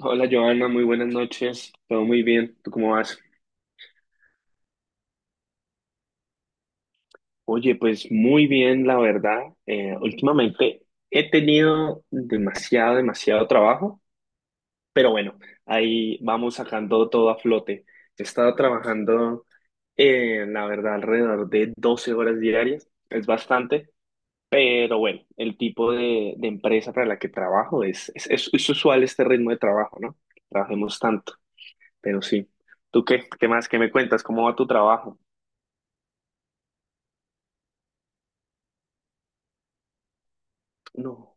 Hola Joana, muy buenas noches. Todo muy bien. ¿Tú cómo vas? Oye, pues muy bien, la verdad. Últimamente he tenido demasiado trabajo, pero bueno, ahí vamos sacando todo a flote. He estado trabajando, la verdad, alrededor de 12 horas diarias. Es bastante, pero bueno, el tipo de empresa para la que trabajo es usual este ritmo de trabajo, ¿no? Trabajemos tanto, pero sí. ¿Tú qué? ¿Qué más? ¿Qué me cuentas? ¿Cómo va tu trabajo? No.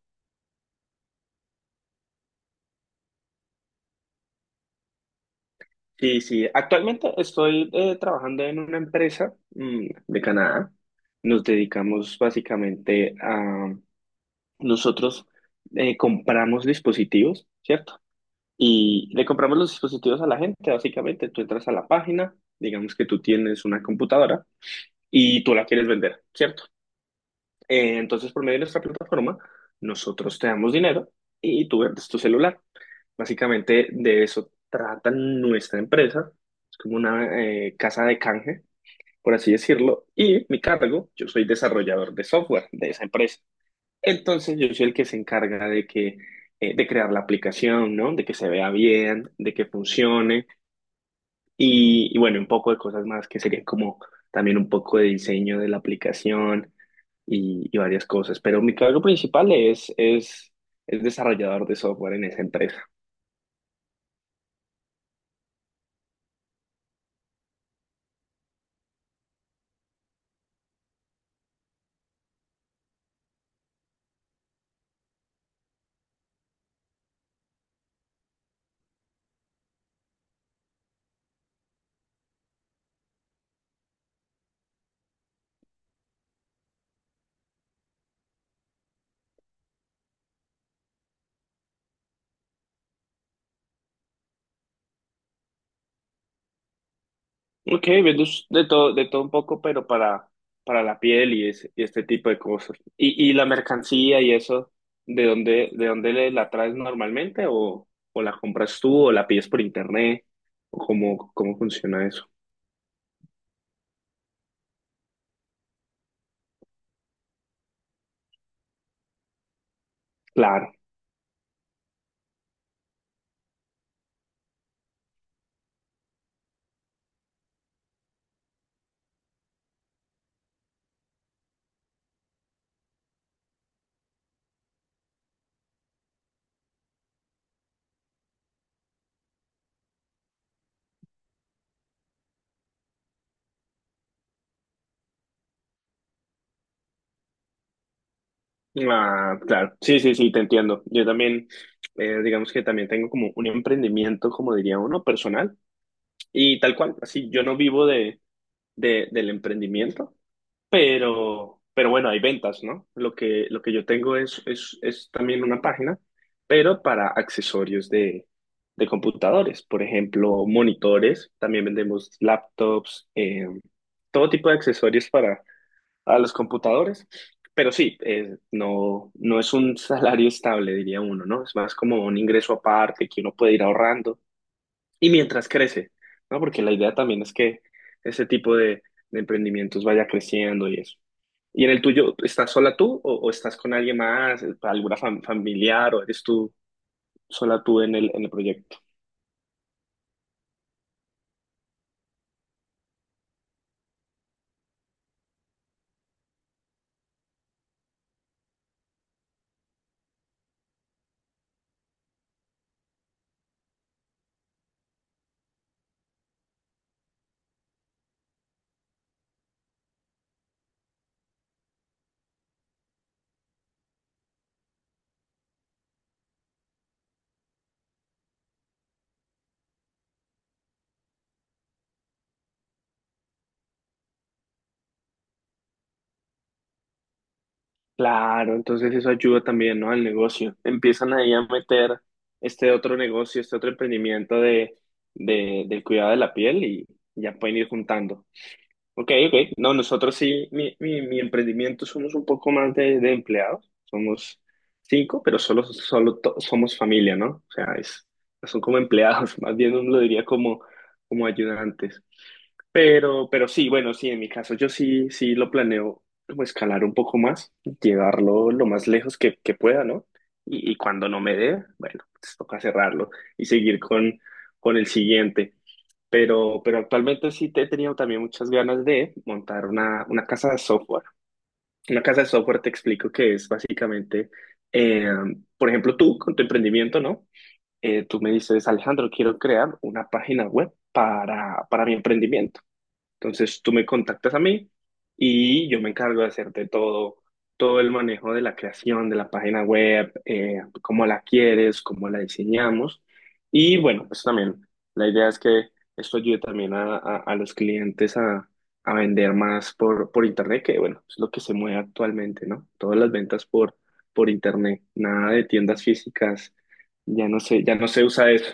Sí, sí. Actualmente estoy trabajando en una empresa de Canadá. Nos dedicamos básicamente a nosotros compramos dispositivos, ¿cierto? Y le compramos los dispositivos a la gente, básicamente. Tú entras a la página, digamos que tú tienes una computadora y tú la quieres vender, ¿cierto? Entonces, por medio de nuestra plataforma, nosotros te damos dinero y tú vendes tu celular. Básicamente de eso trata nuestra empresa. Es como una casa de canje, por así decirlo. Y mi cargo, yo soy desarrollador de software de esa empresa. Entonces, yo soy el que se encarga de de crear la aplicación, ¿no? De que se vea bien, de que funcione, y bueno, un poco de cosas más que serían como también un poco de diseño de la aplicación y varias cosas. Pero mi cargo principal es desarrollador de software en esa empresa. Ok, viendo de todo un poco, para la piel y este tipo de cosas. Y la mercancía y eso, ¿de dónde la traes normalmente? O la compras tú o la pides por internet? ¿O cómo, cómo funciona eso? Claro. Ah, claro, sí, sí, sí, te entiendo. Yo también, digamos que también tengo como un emprendimiento, como diría uno, personal y tal cual. Así, yo no vivo del emprendimiento, pero bueno, hay ventas, ¿no? Lo que yo tengo es también una página, pero para accesorios de computadores, por ejemplo, monitores, también vendemos laptops, todo tipo de accesorios a los computadores. Pero sí, no, no es un salario estable, diría uno, ¿no? Es más como un ingreso aparte que uno puede ir ahorrando y mientras crece, ¿no? Porque la idea también es que ese tipo de emprendimientos vaya creciendo y eso. ¿Y en el tuyo, estás sola tú o estás con alguien más, alguna familiar o eres tú sola tú en el proyecto? Claro, entonces eso ayuda también, ¿no? Al negocio. Empiezan ahí a meter este otro negocio, este otro emprendimiento del cuidado de la piel y ya pueden ir juntando. Ok, ok. No, nosotros sí, mi emprendimiento somos un poco más de empleados. Somos 5, pero somos familia, ¿no? O sea, es, son como empleados, más bien uno lo diría como, como ayudantes. Pero sí, bueno, sí, en mi caso yo sí, sí lo planeo como escalar un poco más, llevarlo lo más lejos que pueda, ¿no? Y cuando no me dé, bueno, pues toca cerrarlo y seguir con el siguiente. Pero actualmente sí te he tenido también muchas ganas de montar una casa de software. Una casa de software te explico que es básicamente, eh, por ejemplo, tú con tu emprendimiento, ¿no? Tú me dices, Alejandro, quiero crear una página web para mi emprendimiento. Entonces tú me contactas a mí y yo me encargo de hacerte todo, todo el manejo de la creación de la página web, cómo la quieres, cómo la diseñamos. Y bueno, pues también la idea es que esto ayude también a, a los clientes a vender más por internet, que bueno, es lo que se mueve actualmente, ¿no? Todas las ventas por internet, nada de tiendas físicas, ya no sé, ya no se usa eso.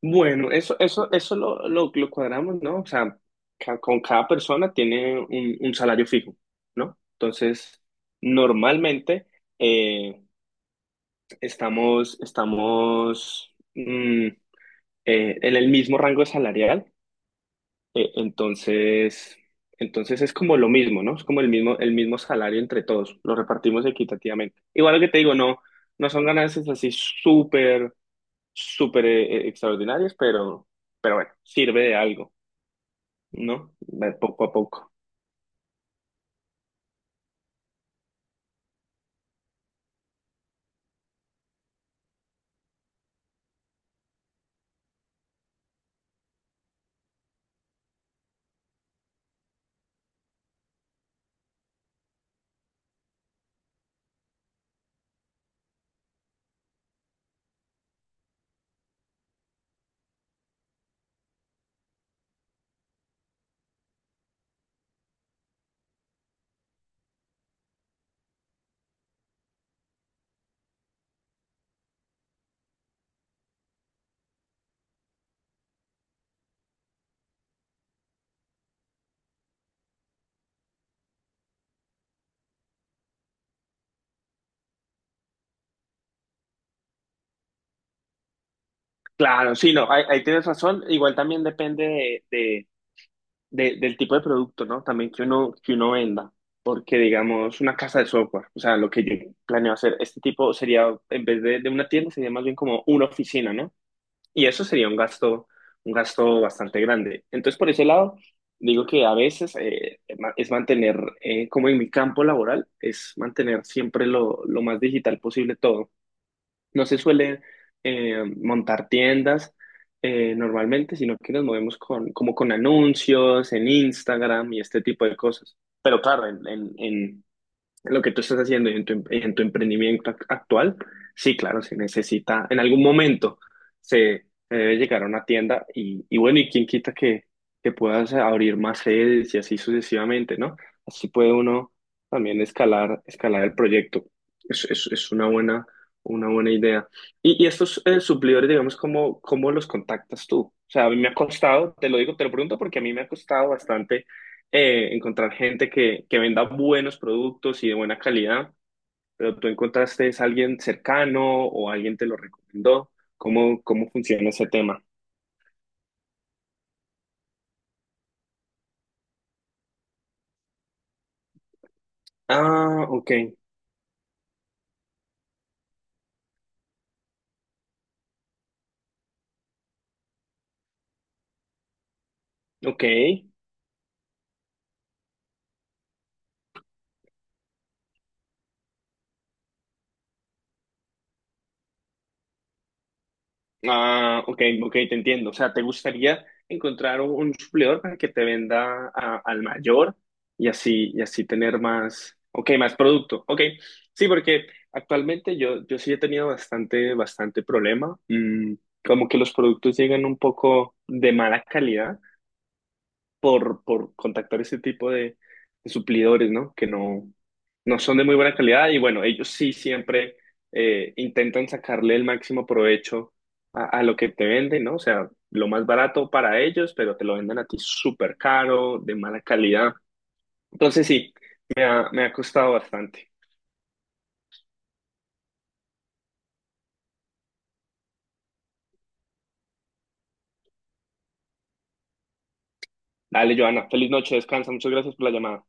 Bueno, eso lo cuadramos, ¿no? O sea, con cada persona tiene un salario fijo, ¿no? Entonces, normalmente eh, estamos en el mismo rango salarial, eh, entonces, entonces es como lo mismo, ¿no? Es como el mismo salario entre todos, lo repartimos equitativamente. Igual que te digo, no, no son ganancias así súper, súper extraordinarias, pero bueno, sirve de algo. ¿No? De poco a poco. Claro, sí, no, ahí, ahí tienes razón. Igual también depende del tipo de producto, ¿no? También que uno venda. Porque, digamos, una casa de software, o sea, lo que yo planeo hacer, este tipo sería, en vez de una tienda, sería más bien como una oficina, ¿no? Y eso sería un gasto bastante grande. Entonces, por ese lado, digo que a veces es mantener, como en mi campo laboral, es mantener siempre lo más digital posible todo. No se suele montar tiendas normalmente, sino que nos movemos con, como con anuncios en Instagram y este tipo de cosas. Pero claro, en lo que tú estás haciendo y en tu, en tu emprendimiento actual, sí, claro, se necesita, en algún momento se, se debe llegar a una tienda y bueno, y quién quita que puedas abrir más sedes y así sucesivamente, ¿no? Así puede uno también escalar, escalar el proyecto. Es una buena idea. Y estos suplidores, digamos, ¿cómo, cómo los contactas tú? O sea, a mí me ha costado, te lo digo, te lo pregunto porque a mí me ha costado bastante encontrar gente que venda buenos productos y de buena calidad, pero tú encontraste es alguien cercano o alguien te lo recomendó. ¿Cómo, cómo funciona ese tema? Ah, ok, ok. Ah, ok, ok, te entiendo. O sea, ¿te gustaría encontrar un suplidor para que te venda al mayor y así tener más, ok, más producto? Ok, sí, porque actualmente yo, yo sí he tenido bastante, bastante problema. Mm, como que los productos llegan un poco de mala calidad por contactar ese tipo de suplidores, ¿no? Que no, no son de muy buena calidad y bueno, ellos sí siempre intentan sacarle el máximo provecho a lo que te venden, ¿no? O sea, lo más barato para ellos, pero te lo venden a ti súper caro, de mala calidad. Entonces sí, me ha costado bastante. Dale, Joana, feliz noche, descansa, muchas gracias por la llamada.